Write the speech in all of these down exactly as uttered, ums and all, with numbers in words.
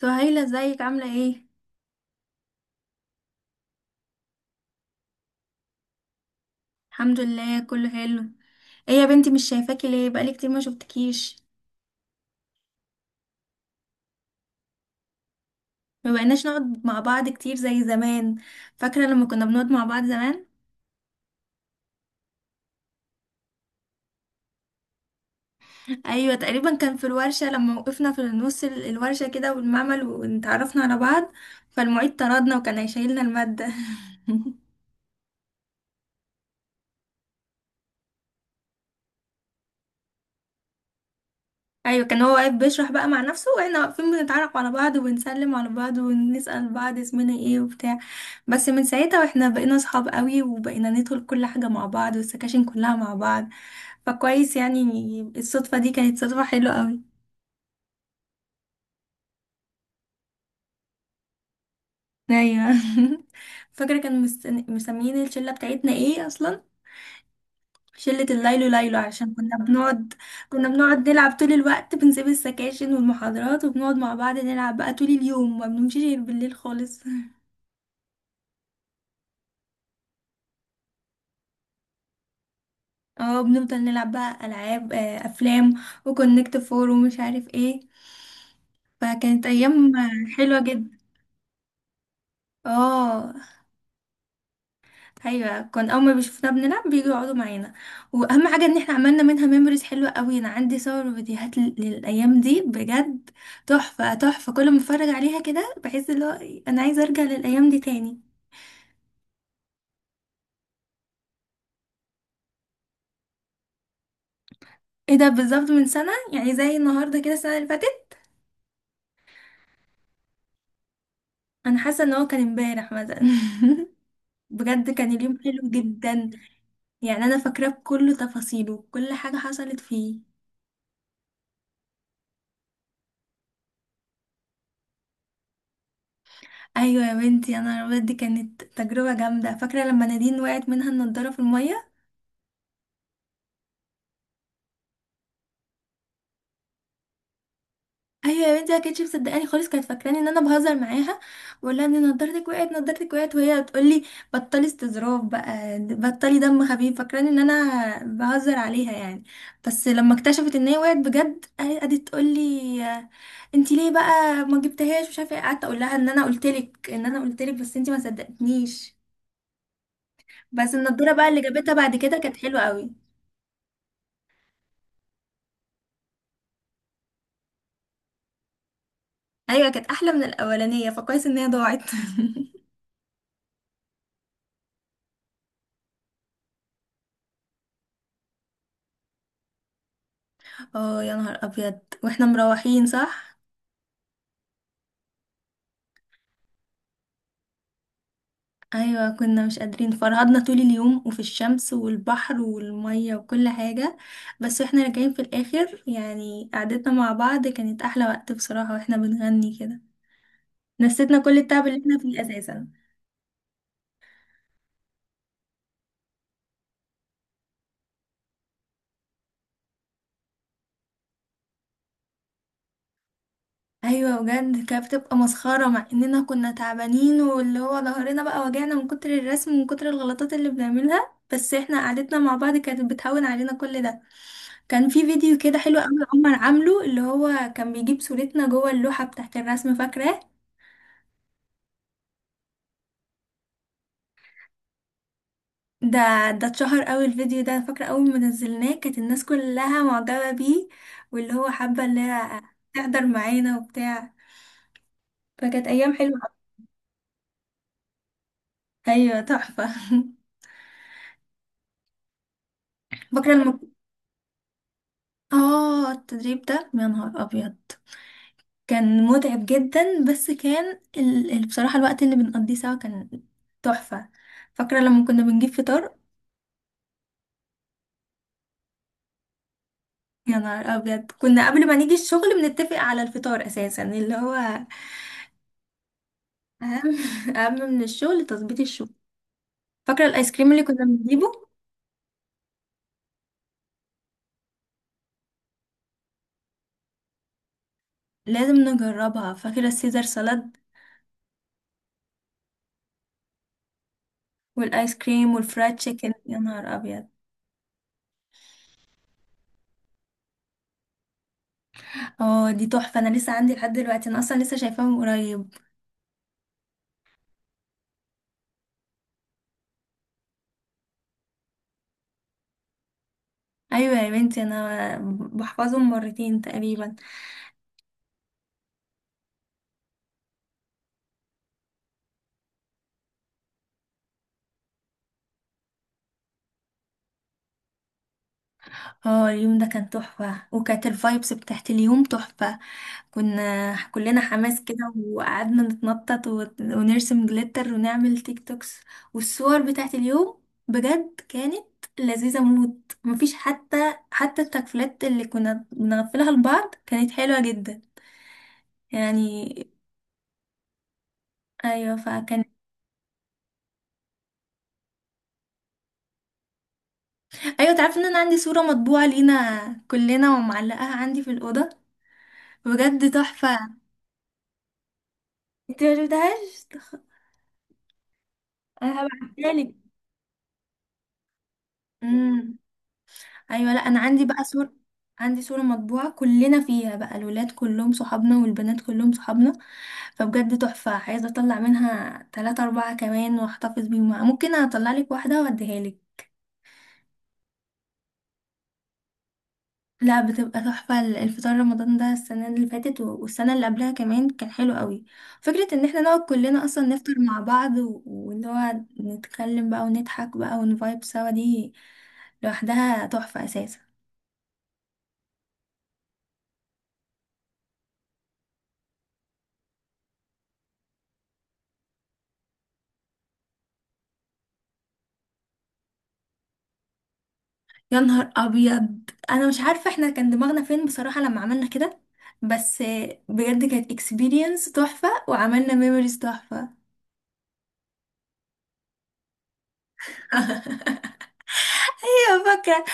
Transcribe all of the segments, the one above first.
سهيلة، ازيك؟ عاملة ايه؟ الحمد لله، كله حلو. ايه يا بنتي، مش شايفاكي ليه؟ بقالي كتير ما شفتكيش. ما بقيناش نقعد مع بعض كتير زي زمان. فاكرة لما كنا بنقعد مع بعض زمان؟ ايوه، تقريبا كان في الورشة، لما وقفنا في نص ال- الورشة كده والمعمل، واتعرفنا على بعض. فالمعيد طردنا وكان هيشيلنا المادة. ايوه، كان هو واقف بيشرح بقى مع نفسه، واحنا واقفين بنتعرف على بعض وبنسلم على بعض ونسأل بعض اسمنا ايه وبتاع. بس من ساعتها واحنا بقينا صحاب قوي، وبقينا ندخل كل حاجة مع بعض، والسكاشن كلها مع بعض. فكويس يعني. الصدفة دي كانت صدفة حلوة قوي. ايوه. فاكرة كان مستن- مسميين الشلة بتاعتنا ايه اصلا؟ شلة الليلو ليلو، عشان كنا بنقعد. كنا بنقعد نلعب طول الوقت، بنسيب السكاشن والمحاضرات وبنقعد مع بعض نلعب بقى طول اليوم، ما بنمشيش غير بالليل خالص. اه، بنفضل نلعب بقى ألعاب، آه، أفلام، وكونكت فور ومش عارف ايه. فكانت أيام حلوة جدا. اه. ايوه، كان اول ما بيشوفونا بنلعب بيجوا يقعدوا معانا. واهم حاجه ان احنا عملنا منها ميموريز حلوه قوي. انا عندي صور وفيديوهات لل- للايام دي بجد. تحفه تحفه، كل ما اتفرج عليها كده بحس اللي هو إيه، انا عايزه ارجع للايام دي تاني. ايه ده؟ بالظبط من سنه، يعني زي النهارده كده السنه اللي فاتت. انا حاسه ان هو كان امبارح مثلا. بجد كان اليوم حلو جدا. يعني انا فاكراه بكل تفاصيله وكل حاجه حصلت فيه. ايوه يا بنتي، انا بجد كانت تجربه جامده. فاكره لما نادين وقعت منها النضاره في الميه. ايوه يا بنتي، ما كانتش مصدقاني خالص، كانت فاكراني ان انا بهزر معاها. بقول لها ان نضارتك وقعت، نضارتك وقعت، وهي بتقول لي بطلي استظراف بقى، بطلي دم خفيف، فاكراني ان انا بهزر عليها يعني. بس لما اكتشفت ان هي وقعت بجد، قعدت تقول لي انت ليه بقى ما جبتهاش مش عارفه ايه. قعدت اقول لها ان انا قلت لك، ان انا قلت لك، بس انت ما صدقتنيش. بس النضارة بقى اللي جابتها بعد كده كانت حلوة قوي. ايوه، كانت احلى من الاولانية، فكويس ان هي ضاعت. اه يا نهار ابيض، واحنا مروحين، صح. ايوه كنا مش قادرين، فرهدنا طول اليوم وفي الشمس والبحر والمية وكل حاجة. بس واحنا راجعين في الاخر يعني، قعدتنا مع بعض كانت احلى وقت بصراحة، واحنا بنغني كده نسيتنا كل التعب اللي احنا فيه اساسا. ايوه بجد، كانت بتبقى مسخره مع اننا كنا تعبانين واللي هو ظهرنا بقى وجعنا من كتر الرسم ومن كتر الغلطات اللي بنعملها، بس احنا قعدتنا مع بعض كانت بتهون علينا كل ده. كان في فيديو كده حلو قوي عمر عامله، اللي هو كان بيجيب صورتنا جوه اللوحه بتاعت الرسم، فاكره؟ ده ده اتشهر قوي الفيديو ده، فاكره اول ما نزلناه كانت الناس كلها معجبه بيه، واللي هو حابه اللي هي تحضر معانا وبتاع. فكانت ايام حلوه. ايوه تحفه. فاكره لما اه التدريب ده، يا نهار ابيض كان متعب جدا، بس كان ال... ال- بصراحة الوقت اللي بنقضيه سوا كان تحفة. فاكرة لما كنا بنجيب فطار؟ يا نهار ابيض، كنا قبل ما نيجي الشغل بنتفق على الفطار اساسا اللي هو اهم. اهم من الشغل تظبيط الشغل. فاكرة الايس كريم اللي كنا بنجيبه؟ لازم نجربها. فاكرة السيزر سالاد والايس كريم والفرايد تشيكن؟ يا نهار ابيض. اه دي تحفة، انا لسه عندي لحد دلوقتي، انا اصلا لسه شايفاهم قريب. ايوه يا بنتي، انا بحفظهم مرتين تقريبا. اه اليوم ده كان تحفه، وكانت الفايبس بتاعت اليوم تحفه. كنا كلنا حماس كده وقعدنا نتنطط وت- ونرسم جليتر ونعمل تيك توكس. والصور بتاعت اليوم بجد كانت لذيذه موت، مفيش حتى حتى التكفلات اللي كنا بنغفلها لبعض كانت حلوه جدا يعني. ايوه فكان. ايوه، تعرفي ان انا عندي صوره مطبوعه لينا كلنا ومعلقاها عندي في الاوضه؟ بجد تحفة. انت ما شفتهاش؟ انا هبعتها لك. امم ايوه، لا، انا عندي بقى صور. عندي صورة مطبوعة كلنا فيها بقى، الولاد كلهم صحابنا والبنات كلهم صحابنا، فبجد تحفة. عايزة اطلع منها تلاتة اربعة كمان واحتفظ بيهم، ممكن اطلع لك واحدة واديها لك. لا، بتبقى تحفة ال- الفطار رمضان ده، السنة اللي فاتت و- والسنة اللي قبلها كمان كان حلو قوي. فكرة ان احنا نقعد كلنا اصلا نفطر مع بعض و- واللي هو نتكلم بقى ونضحك بقى ونفايب سوا، دي لوحدها تحفة اساسا. يا نهار ابيض، انا مش عارفه احنا كان دماغنا فين بصراحه لما عملنا كده، بس بجد كانت اكسبيرينس تحفه وعملنا ميموريز تحفه. ايوه فاكره.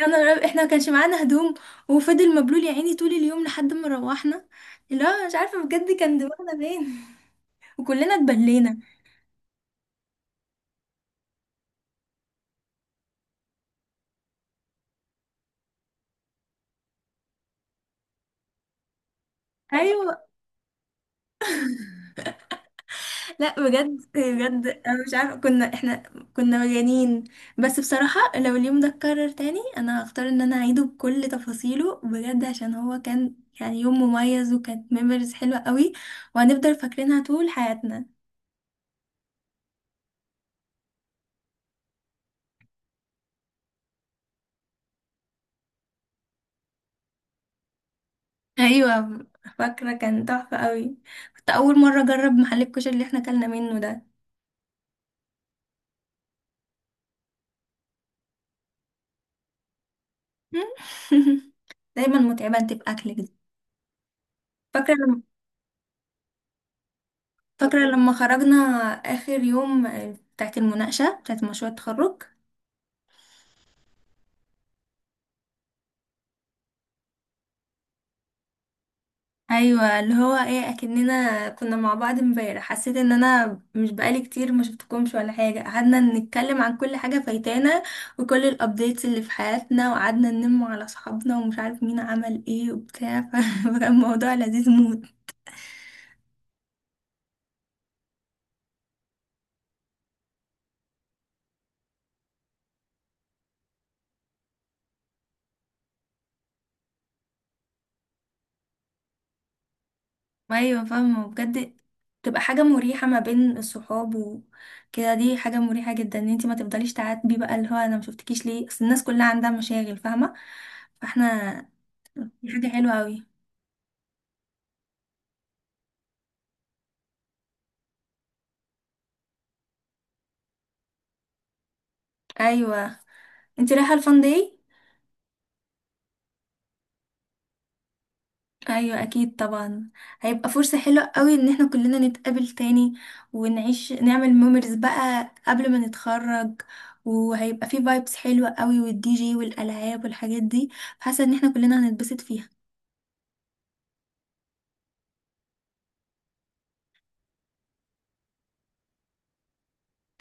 يا نهار أبيض، احنا ما كانش معانا هدوم، وفضل مبلول يا عيني طول اليوم لحد ما روحنا. لا، مش عارفه بجد كان دماغنا فين، وكلنا اتبلينا. ايوه، لا بجد بجد، انا مش عارفه كنا احنا. كنا مجانين. بس بصراحه لو اليوم ده اتكرر تاني، انا هختار ان انا اعيده بكل تفاصيله بجد، عشان هو كان يعني يوم مميز، وكانت ميموريز حلوه قوي، وهنفضل فاكرينها طول حياتنا. ايوه فاكره، كان تحفه قوي. كنت اول مره اجرب محل الكشري اللي احنا اكلنا منه ده. دايما متعبه انت باكلك دي. فاكره لما فاكره لما خرجنا اخر يوم، آه، بتاعت المناقشه بتاعت مشروع التخرج. ايوه اللي هو ايه، اكننا كنا مع بعض امبارح، حسيت ان انا مش بقالي كتير ما شفتكمش ولا حاجه، قعدنا نتكلم عن كل حاجه فايتانا وكل الابديتس اللي في حياتنا، وقعدنا ننم على اصحابنا ومش عارف مين عمل ايه وبتاع. فكان الموضوع لذيذ موت. ايوه فاهمه بجد. تبقى حاجه مريحه ما بين الصحاب وكده، دي حاجه مريحه جدا، ان انت ما تفضليش تعاتبي بقى اللي هو انا ما شفتكيش ليه، اصل الناس كلها عندها مشاغل، فاهمه؟ فاحنا دي حاجه حلوه قوي. ايوه، انت رايحة الفان داي؟ ايوه اكيد طبعا. هيبقى فرصة حلوة قوي ان احنا كلنا نتقابل تاني، ونعيش نعمل ميموريز بقى قبل ما نتخرج، وهيبقى فيه فايبس حلوة قوي والدي جي والالعاب والحاجات دي. حاسة ان احنا كلنا هنتبسط فيها.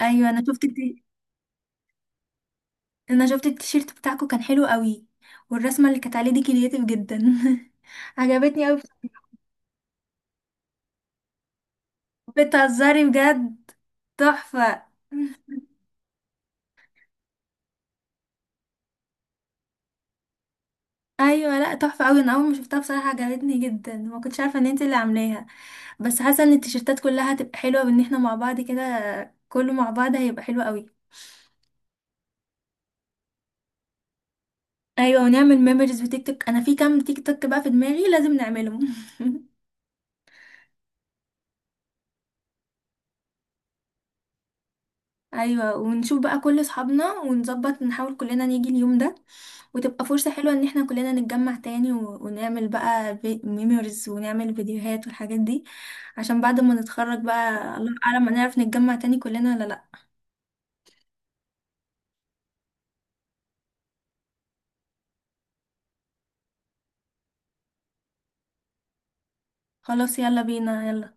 ايوه انا شفت التي... انا شفت التيشيرت بتاعكو كان حلو قوي، والرسمة اللي كانت عليه دي كرياتيف جدا. عجبتني قوي. بتهزري بجد؟ تحفة. ايوه لا، تحفه قوي، انا اول ما شفتها بصراحه عجبتني جدا، ما كنتش عارفه ان انت اللي عاملاها. بس حاسه ان التيشيرتات كلها هتبقى حلوه، بان احنا مع بعض كده، كله مع بعض هيبقى حلو قوي. ايوه، ونعمل ميموريز بتيك توك، انا في كام تيك توك بقى في دماغي لازم نعملهم. ايوه، ونشوف بقى كل اصحابنا ونظبط نحاول كلنا نيجي اليوم ده، وتبقى فرصه حلوه ان احنا كلنا نتجمع تاني و- ونعمل بقى ميموريز ونعمل فيديوهات والحاجات دي، عشان بعد ما نتخرج بقى. الله اعلم هنعرف نتجمع تاني كلنا ولا لا. خلاص، يلا بينا، يلا.